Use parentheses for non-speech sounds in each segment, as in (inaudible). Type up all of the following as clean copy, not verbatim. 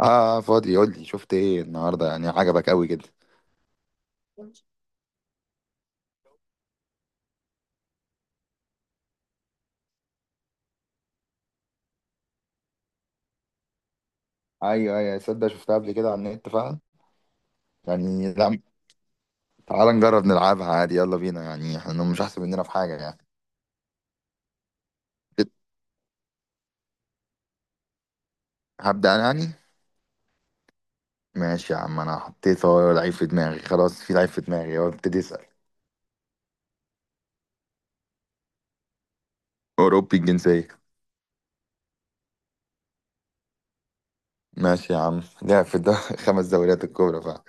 اه، فاضي. قول لي شفت ايه النهارده، يعني عجبك قوي كده؟ ايوه ايوه، صدق شفتها قبل كده على النت فعلا. يعني لا، تعال نجرب نلعبها عادي، يلا بينا. يعني احنا مش احسن مننا في حاجه يعني. هبدأ انا يعني. ماشي يا عم، انا حطيت، هو لعيب في دماغي خلاص، في لعيب في دماغي، هو ابتدي اسأل. اوروبي الجنسيه. ماشي يا عم، لعب في الدوري (laughs) 5 دوريات الكبرى فعلا.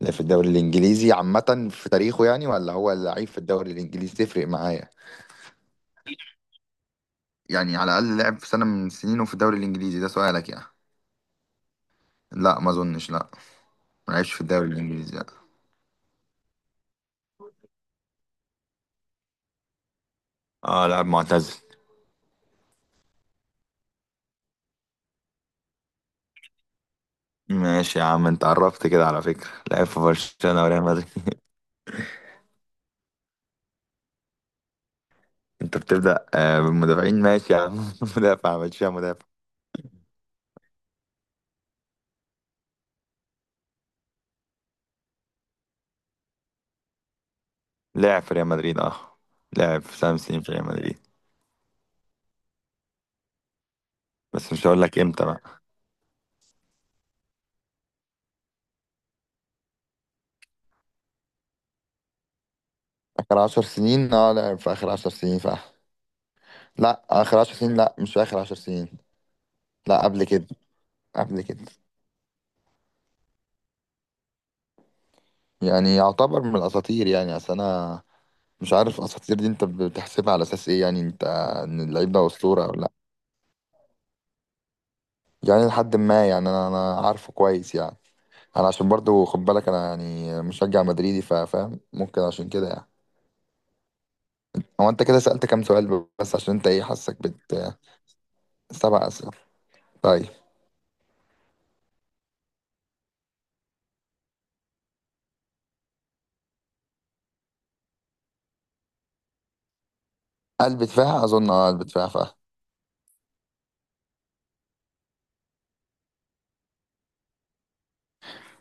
لعب في الدوري الانجليزي عامه في تاريخه يعني، ولا هو لعيب في الدوري الانجليزي؟ تفرق معايا؟ يعني على الاقل لعب في سنه من سنينه في الدوري الانجليزي، ده سؤالك يعني؟ لا ما اظنش، لا. ما لعبش في الدوري الانجليزي، لا. اه، لاعب معتزل. ماشي يا عم، انت عرفت كده على فكرة، لعب في برشلونة وريال مدريد. (laughs) انت بتبدأ بالمدافعين، ماشي يا عم. (laughs) مدافع، ماشي يا مدافع. لعب في ريال مدريد، اه. لعب في 7 سنين في ريال مدريد، بس مش هقول لك امتى بقى. اخر 10 سنين، اه لعب في اخر 10 سنين فا. لا اخر 10 سنين، لا مش في اخر 10 سنين، لا قبل كده. قبل كده. يعني يعتبر من الاساطير يعني، اصل انا مش عارف اساطير دي انت بتحسبها على اساس ايه يعني انت؟ ان اللعيب ده اسطوره ولا لا؟ يعني لحد ما، يعني انا عارفه كويس يعني. انا عشان برضو خد بالك، انا يعني مشجع مدريدي فاهم، ممكن عشان كده يعني. هو انت كده سألت كام سؤال بس، عشان انت ايه حاسك بت. 7 اسئله. طيب. قلب دفاع اظن، اه قلب دفاع فا.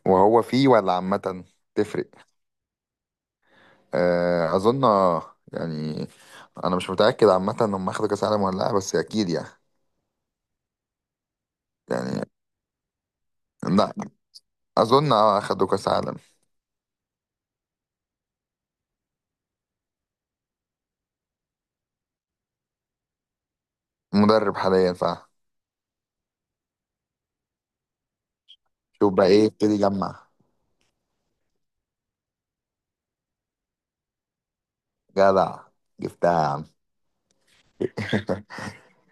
وهو فيه ولا عامه؟ تفرق. اظن اه يعني، انا مش متاكد عامه هم اخدوا كاس عالم ولا لا، بس اكيد يعني. يعني لا اظن، اه اخدوا كاس عالم. مدرب حاليا فا. شوف بقى ايه، ابتدي جمع. جدع، جبتها يا عم.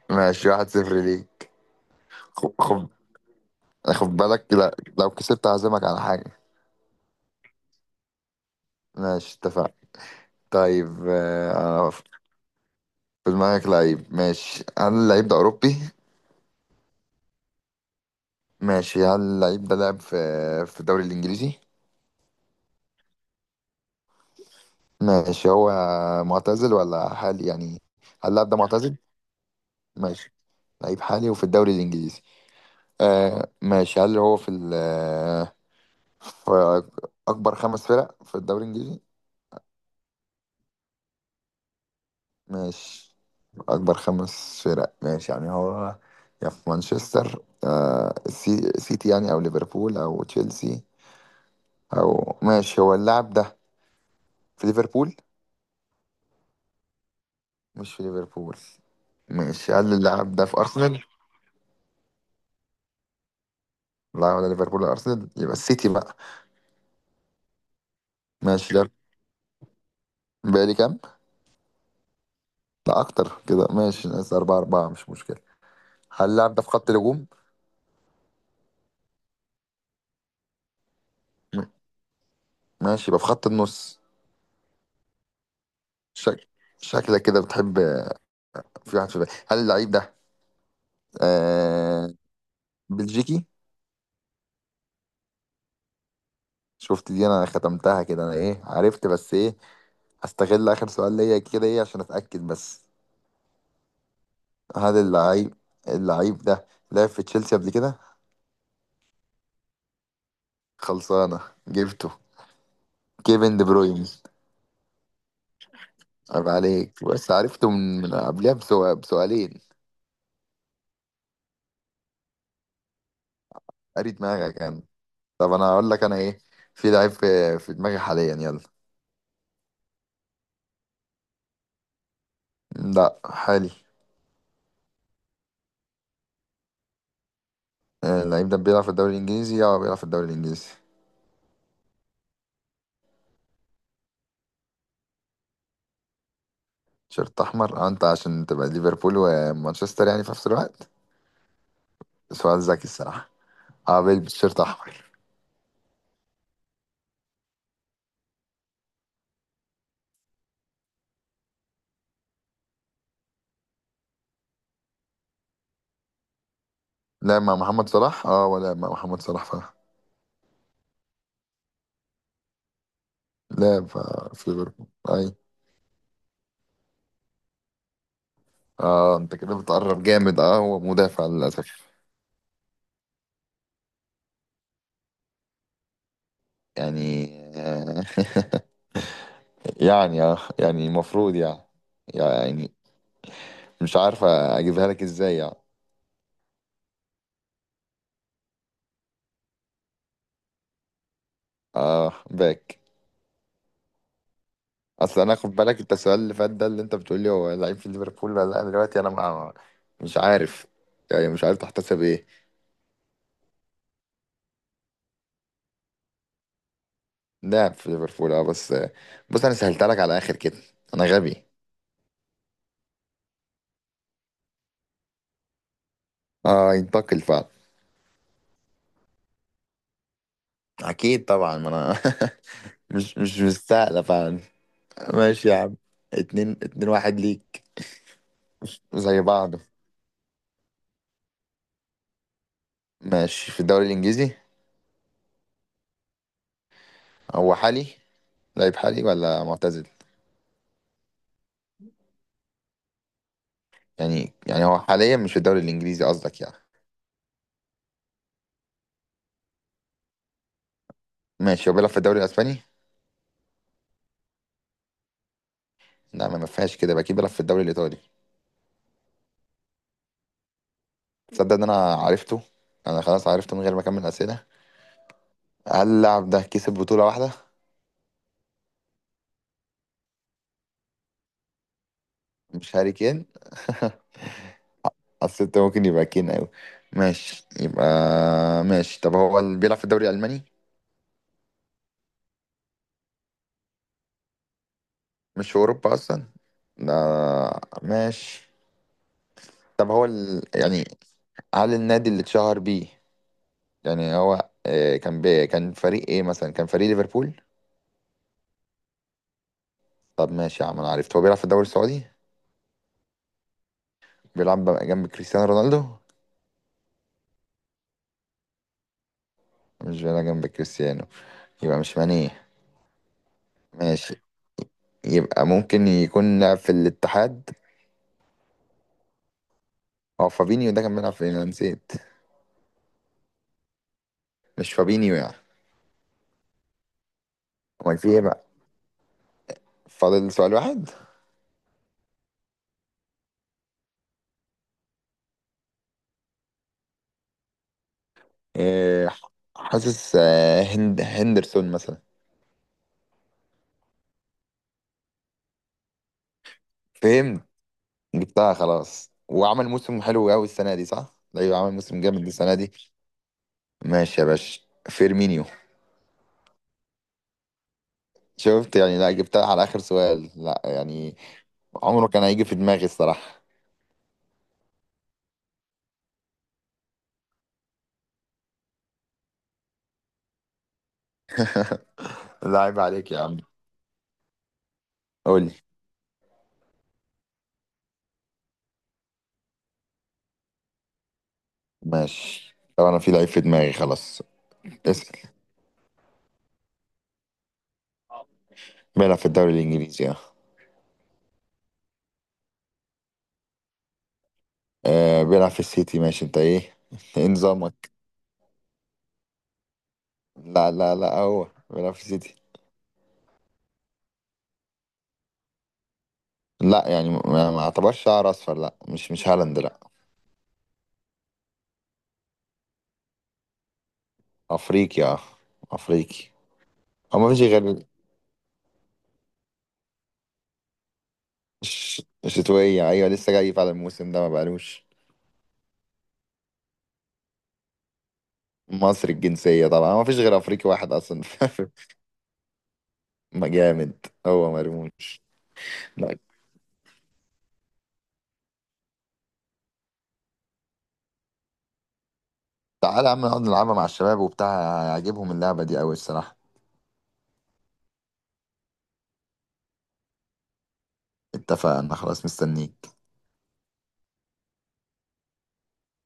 ماشي، 1-0 ليك. خب خب. خد بالك لا، لو كسبت هعزمك على حاجة. ماشي، اتفقنا. طيب انا في دماغك لعيب. ماشي، هل اللعيب ده أوروبي؟ ماشي، هل اللعيب ده لعب في الدوري الإنجليزي؟ ماشي، هو معتزل ولا حالي يعني؟ هل اللاعب ده معتزل؟ ماشي، لعيب حالي وفي الدوري الإنجليزي. ماشي، هل هو في فأكبر 5 فرق في الدوري الإنجليزي؟ ماشي. أكبر 5 فرق، ماشي. يعني هو يا في مانشستر سيتي، يعني أو ليفربول أو تشيلسي أو، ماشي. هو اللاعب ده في ليفربول؟ مش في ليفربول، ماشي. هل اللاعب ده في أرسنال؟ لا ولا ليفربول ولا أرسنال، يبقى السيتي بقى. ماشي، ده بقالي كام؟ لا أكتر كده، ماشي، ناقص أربعة. أربعة مش مشكلة. هل اللاعب ده في خط الهجوم؟ م- ماشي، يبقى في خط النص. شك... شكلك كده بتحب. في واحد في بالي، هل اللعيب ده آه بلجيكي؟ شفت دي انا ختمتها كده، انا ايه عرفت بس ايه. هستغل اخر سؤال ليا كده ايه، عشان اتاكد بس. هل اللعيب اللعيب ده لعب في تشيلسي قبل كده؟ خلصانه، جبته. كيفن دي بروين. عيب عليك، بس عرفته من قبلها بسؤالين. قريت دماغك يعني. طب انا هقول لك انا ايه، في لعيب في دماغي حاليا، يلا. لا، حالي. اللعيب ده بيلعب في الدوري الانجليزي، اه بيلعب في الدوري الانجليزي. شيرت احمر، اه. انت عشان تبقى ليفربول ومانشستر يعني في نفس الوقت، سؤال ذكي الصراحه. اه بيلبس شيرت احمر. لعب مع محمد صلاح، اه ولا مع محمد صلاح فعلا. لعب في ليفربول اي. اه انت كده بتقرب جامد، اه هو مدافع للاسف. يعني آه (laughs) يعني اه، يعني المفروض يعني. يعني مش عارف اجيبها لك ازاي يعني. اه، باك. اصل انا خد بالك، انت السؤال اللي فات ده اللي انت بتقول لي هو لعيب في ليفربول ولا لا، دلوقتي انا ما، مش عارف يعني، مش عارف تحتسب ايه. لاعب في ليفربول، اه بس. بص انا سهلتها لك على الاخر كده. انا غبي. اه، ينتقل فعلا. اكيد طبعا، ما انا (laughs) مش مستاهله فعلا. ماشي يا عم، 2-1 ليك. زي بعض. ماشي، في الدوري الانجليزي. هو حالي؟ لعيب حالي ولا معتزل؟ يعني، يعني هو حاليا مش في الدوري الانجليزي قصدك يعني. ماشي، هو بيلعب في الدوري الاسباني؟ لا، ما فيهاش كده بقى، كده بيلعب في الدوري الايطالي. تصدق ان انا عرفته؟ انا خلاص عرفته من غير ما اكمل اسئله. هل اللاعب ده كسب بطوله واحده؟ مش هاري كين؟ (laughs) حسيت ممكن يبقى كين قوي. ماشي يبقى. ماشي، طب هو اللي بيلعب في الدوري الالماني؟ مش في اوروبا اصلا، لا؟ ماشي. طب هو يعني، هل النادي اللي اتشهر بيه يعني هو كان كان فريق ايه مثلا؟ كان فريق ليفربول. طب ماشي يا عم، انا عرفت، هو بيلعب في الدوري السعودي. بيلعب جنب كريستيانو رونالدو؟ مش بيلعب جنب كريستيانو، يبقى مش ماني. ماشي، يبقى ممكن يكون لعب في الاتحاد. هو فابينيو ده كان بيلعب فين، انا نسيت. مش فابينيو يعني؟ امال في ايه بقى؟ فاضل سؤال واحد. إيه؟ حاسس هندرسون مثلا. فهمت. جبتها خلاص، وعمل موسم حلو قوي السنه دي، صح؟ ايوه، عمل موسم جامد السنه دي. ماشي يا باشا، فيرمينيو. شفت؟ يعني لا، جبتها على اخر سؤال لا يعني. عمره كان هيجي في دماغي الصراحه. لا، عيب عليك يا عم. قول. ماشي، طب انا في لعيب في دماغي خلاص. اسأل. بيلعب في الدوري الانجليزي، اه. بيلعب في السيتي، ماشي. انت ايه (laughs) ايه نظامك؟ لا لا لا، هو بيلعب في السيتي. لا يعني، ما اعتبرش شعر اصفر، لا. مش هالاند، لا. افريقي، اه. افريقي. هو ما فيش غير شتوية، ايوه لسه جاي فعلا الموسم ده، ما بقالوش. مصري الجنسية طبعا، ما فيش غير افريقي واحد اصلا (laughs) في-. ما جامد، هو مرموش. لا، تعالى يا عم نقعد نلعبها مع الشباب وبتاع، هيعجبهم اللعبة دي أوي الصراحة. اتفقنا، خلاص مستنيك.